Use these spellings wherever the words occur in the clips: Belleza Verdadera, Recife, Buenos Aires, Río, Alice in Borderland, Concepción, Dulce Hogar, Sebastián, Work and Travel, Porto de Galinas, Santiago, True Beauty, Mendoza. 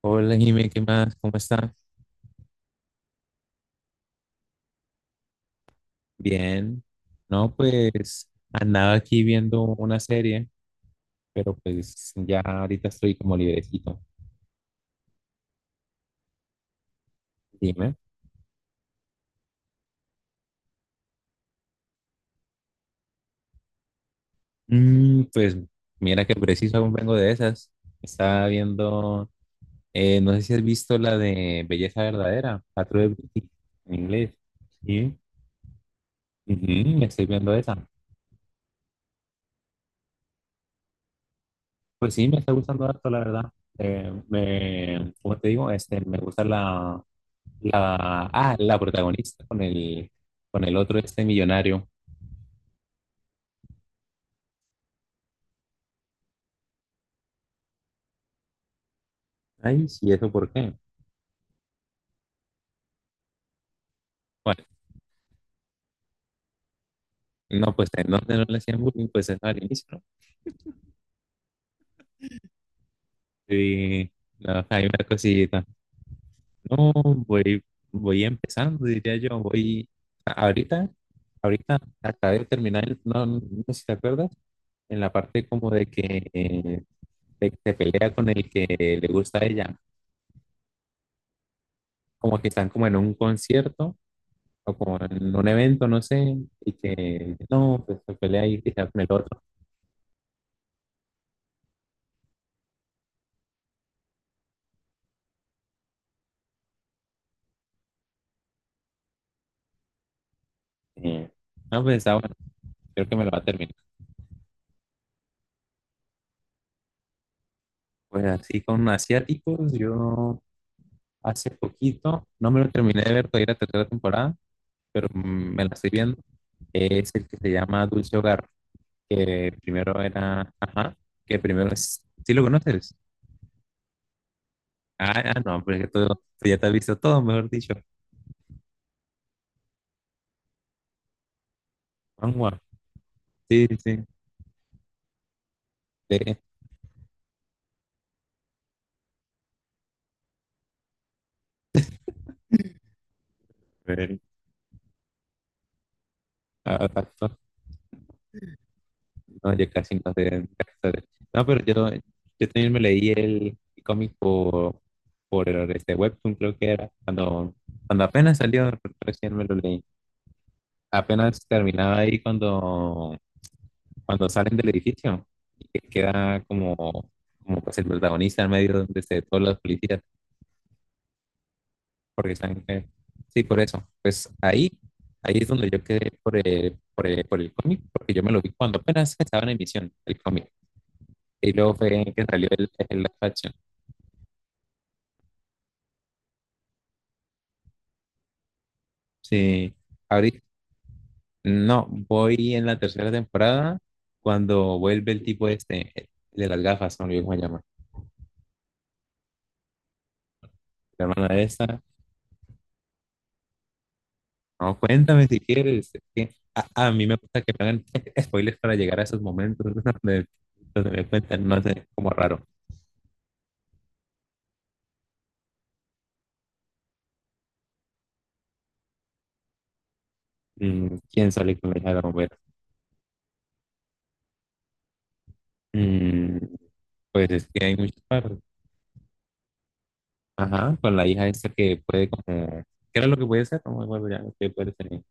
Hola, Jimé, ¿qué más? ¿Cómo está? Bien. No, pues andaba aquí viendo una serie, pero pues ya ahorita estoy como librecito. Dime. Pues mira que preciso aún vengo de esas. Estaba viendo, no sé si has visto la de Belleza Verdadera, la True Beauty, en inglés. Sí. Ujú, me estoy viendo esa. Pues sí, me está gustando harto, la verdad. Como te digo, me gusta la protagonista con con el otro este millonario. Ay, sí, ¿eso por qué? Bueno, no, pues en donde no le hacían bullying, pues eso al inicio, ¿no? Y no, hay una cosita. No, voy, voy empezando, diría yo. Ahorita, Ahorita acabé de terminar el- no, no sé si te acuerdas, en la parte como de que se pelea con el que le gusta a ella, como que están como en un concierto o como en un evento, no sé, y que no, pues se pelea y que se con el otro. Eh, no, pues está bueno, creo que me lo va a terminar. Pues así con asiáticos, yo hace poquito, no me lo terminé de ver todavía la tercera temporada, pero me la estoy viendo. Es el que se llama Dulce Hogar, que primero era, ajá, que primero es, ¿sí lo conoces? No, porque tú ya te has visto todo, mejor dicho. Vamos, sí, sí, sí. A ver, no, yo casi no sé de actores. No, pero yo también me leí el cómic por este webtoon, creo que era, cuando, cuando apenas salió, recién me lo leí. Apenas terminaba ahí cuando, cuando salen del edificio, y que queda como, como pues el protagonista en medio de este- todos los policías, porque están... sí, por eso. Pues ahí, ahí es donde yo quedé por el cómic, porque yo me lo vi cuando apenas estaba en emisión el cómic. Y luego fue que salió el live action. Sí, ahorita, no, voy en la tercera temporada cuando vuelve el tipo este, el de las gafas, no lo olvidé cómo se llama, la hermana de esta. No, cuéntame si quieres. Es que a mí me gusta que me hagan spoilers para llegar a esos momentos donde, donde me cuentan, no sé, como raro. ¿Quién sale con la hija de la bombera? Mm, pues es que hay muchas partes. Ajá, con la hija esta que puede como... ¿Qué era lo que puede ser? No me acuerdo ya, que puede ser.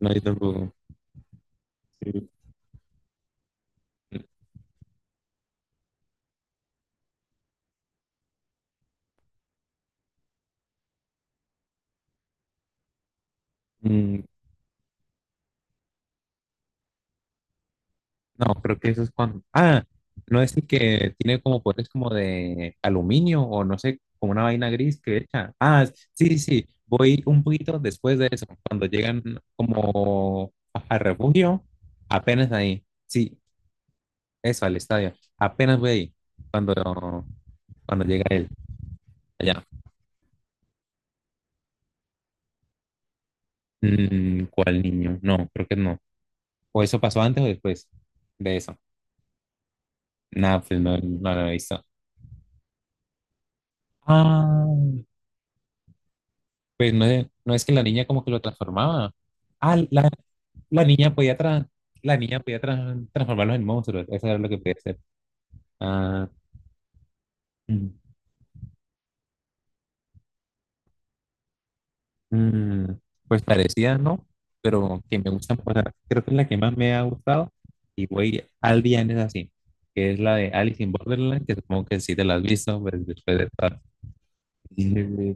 No, yo tampoco. Sí. Mm, no, creo que eso es cuando. Ah, no es el que tiene como poderes como de aluminio o no sé, como una vaina gris que echa. Ah, sí, sí, sí, voy un poquito después de eso, cuando llegan como a- al refugio, apenas ahí. Sí, eso, al estadio. Apenas voy ahí, cuando, cuando llega él, allá. ¿Cuál niño? No, creo que no. ¿O eso pasó antes o después de eso? Nada, pues no, no lo he visto. Ah. Pues no es, no es que la niña como que lo transformaba. Ah, la, la niña podía, tra- la niña podía tra- transformarlos en monstruos. Eso era lo que podía hacer. Ah, mm, mm, pues parecía, ¿no? Pero que me gustan, o sea, creo que es la que más me ha gustado. Y voy al bien es así, que es la de Alice in Borderland, que supongo que sí te la has visto, pues después de todas. Y-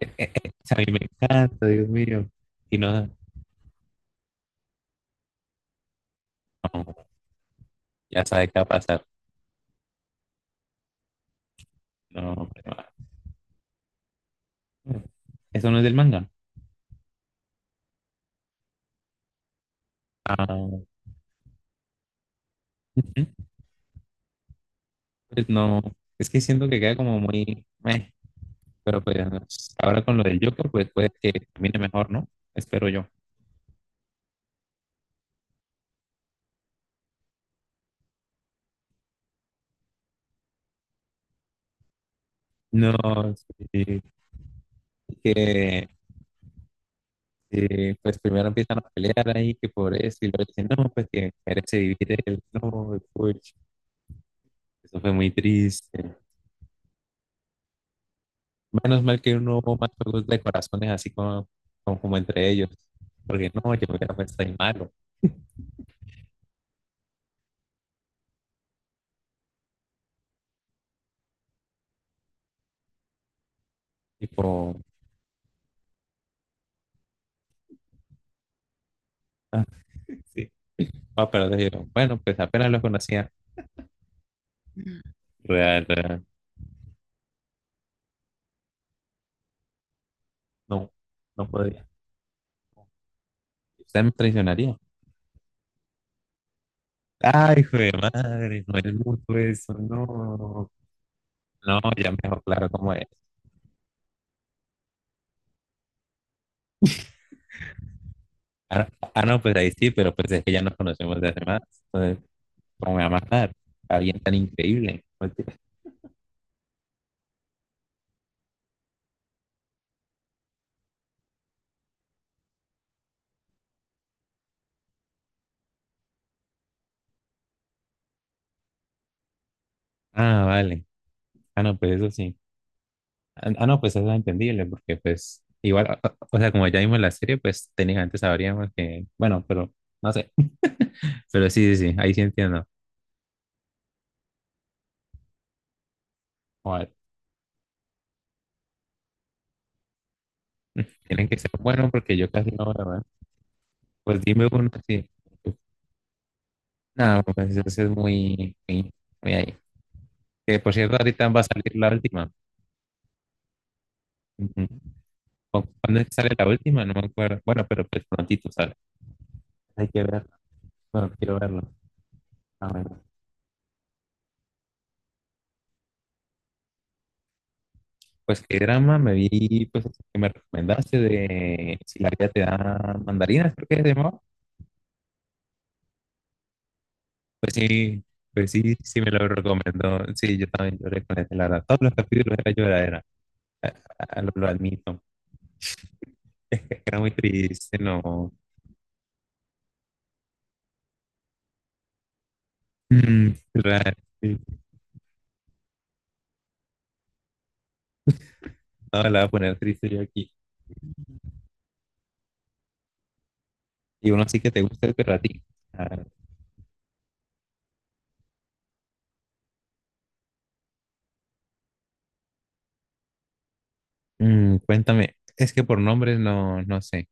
a mí me encanta, Dios mío. Y no, no, ya sabe qué va a pasar. No, pero, eso no es del manga. Ah, ujú. Pues no, es que siento que queda como muy, meh, pero pues ahora con lo del Joker, pues puede que termine mejor, ¿no? Espero yo. No, sí, que pues primero empiezan a pelear ahí, que por eso, y luego dicen, no, pues que merece vivir él, no, puch, eso fue muy triste. Menos mal que no hubo más juegos de corazones así como, como entre ellos, porque no, yo hubiera pensado ahí malo, tipo, ah, sí, ah, pero te digo, bueno, pues apenas lo conocía. Real, real. No, no podría. Usted me traicionaría. Ay, hijo de madre, no es mucho eso, no. No, ya me dejó claro cómo es. Ah, no, pues ahí sí, pero pues es que ya nos conocemos de hace más. Entonces, ¿cómo me va a matar? Alguien tan increíble. Mentira. Ah, vale. No, pues eso sí. No, pues eso es entendible, porque pues igual, o sea, como ya vimos la serie, pues técnicamente sabríamos que, bueno, pero no sé. Pero sí, sí, sí, ahí sí entiendo. Joder, tienen que ser buenos porque yo casi no veo. Pues dime uno, sí. No, pues ese es muy, muy, muy ahí. Que por cierto, ahorita va a salir la última. Ujú. ¿Cu- ¿Cuándo es que sale la última? No me acuerdo. Bueno, pero pues prontito sale. Hay que verlo. Bueno, quiero verlo. A ver. Pues qué drama me vi, pues ese que me recomendaste de si la vida te da mandarinas, creo que se llamaba. Pues sí, pues sí, sí me lo recomendó. Sí, yo también lloré con ese, la verdad. Todos los capítulos era lloradera. Ah, lo admito. Era muy triste, no. Claro, sí. No, la voy a poner triste yo aquí. Y uno sí que te gusta el perratico. Ah, Cuéntame, es que por nombres no, no sé.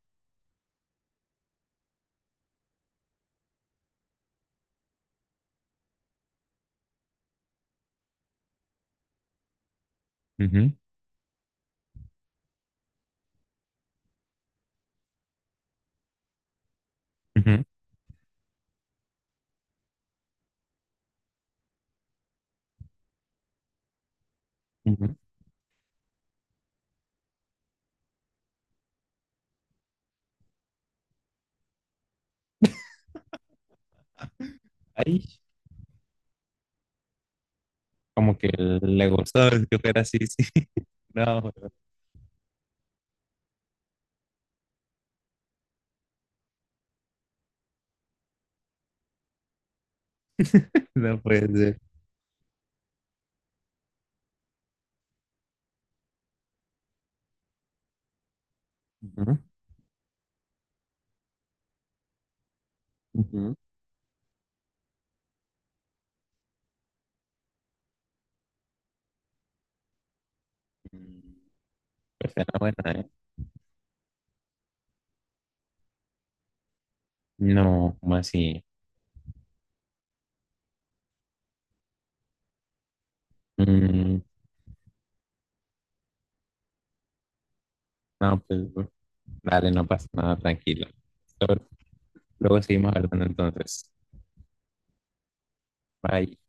Ujú, ujú, ujú. Ay, como que le gustó que fuera así, sí. No, no puede ser. Ujú, ujú. Mm, Pues era buena, ¿eh? No, ¿como así? Mm, no, pues dale, no pasa nada, tranquilo. Luego, luego seguimos hablando entonces. Bye.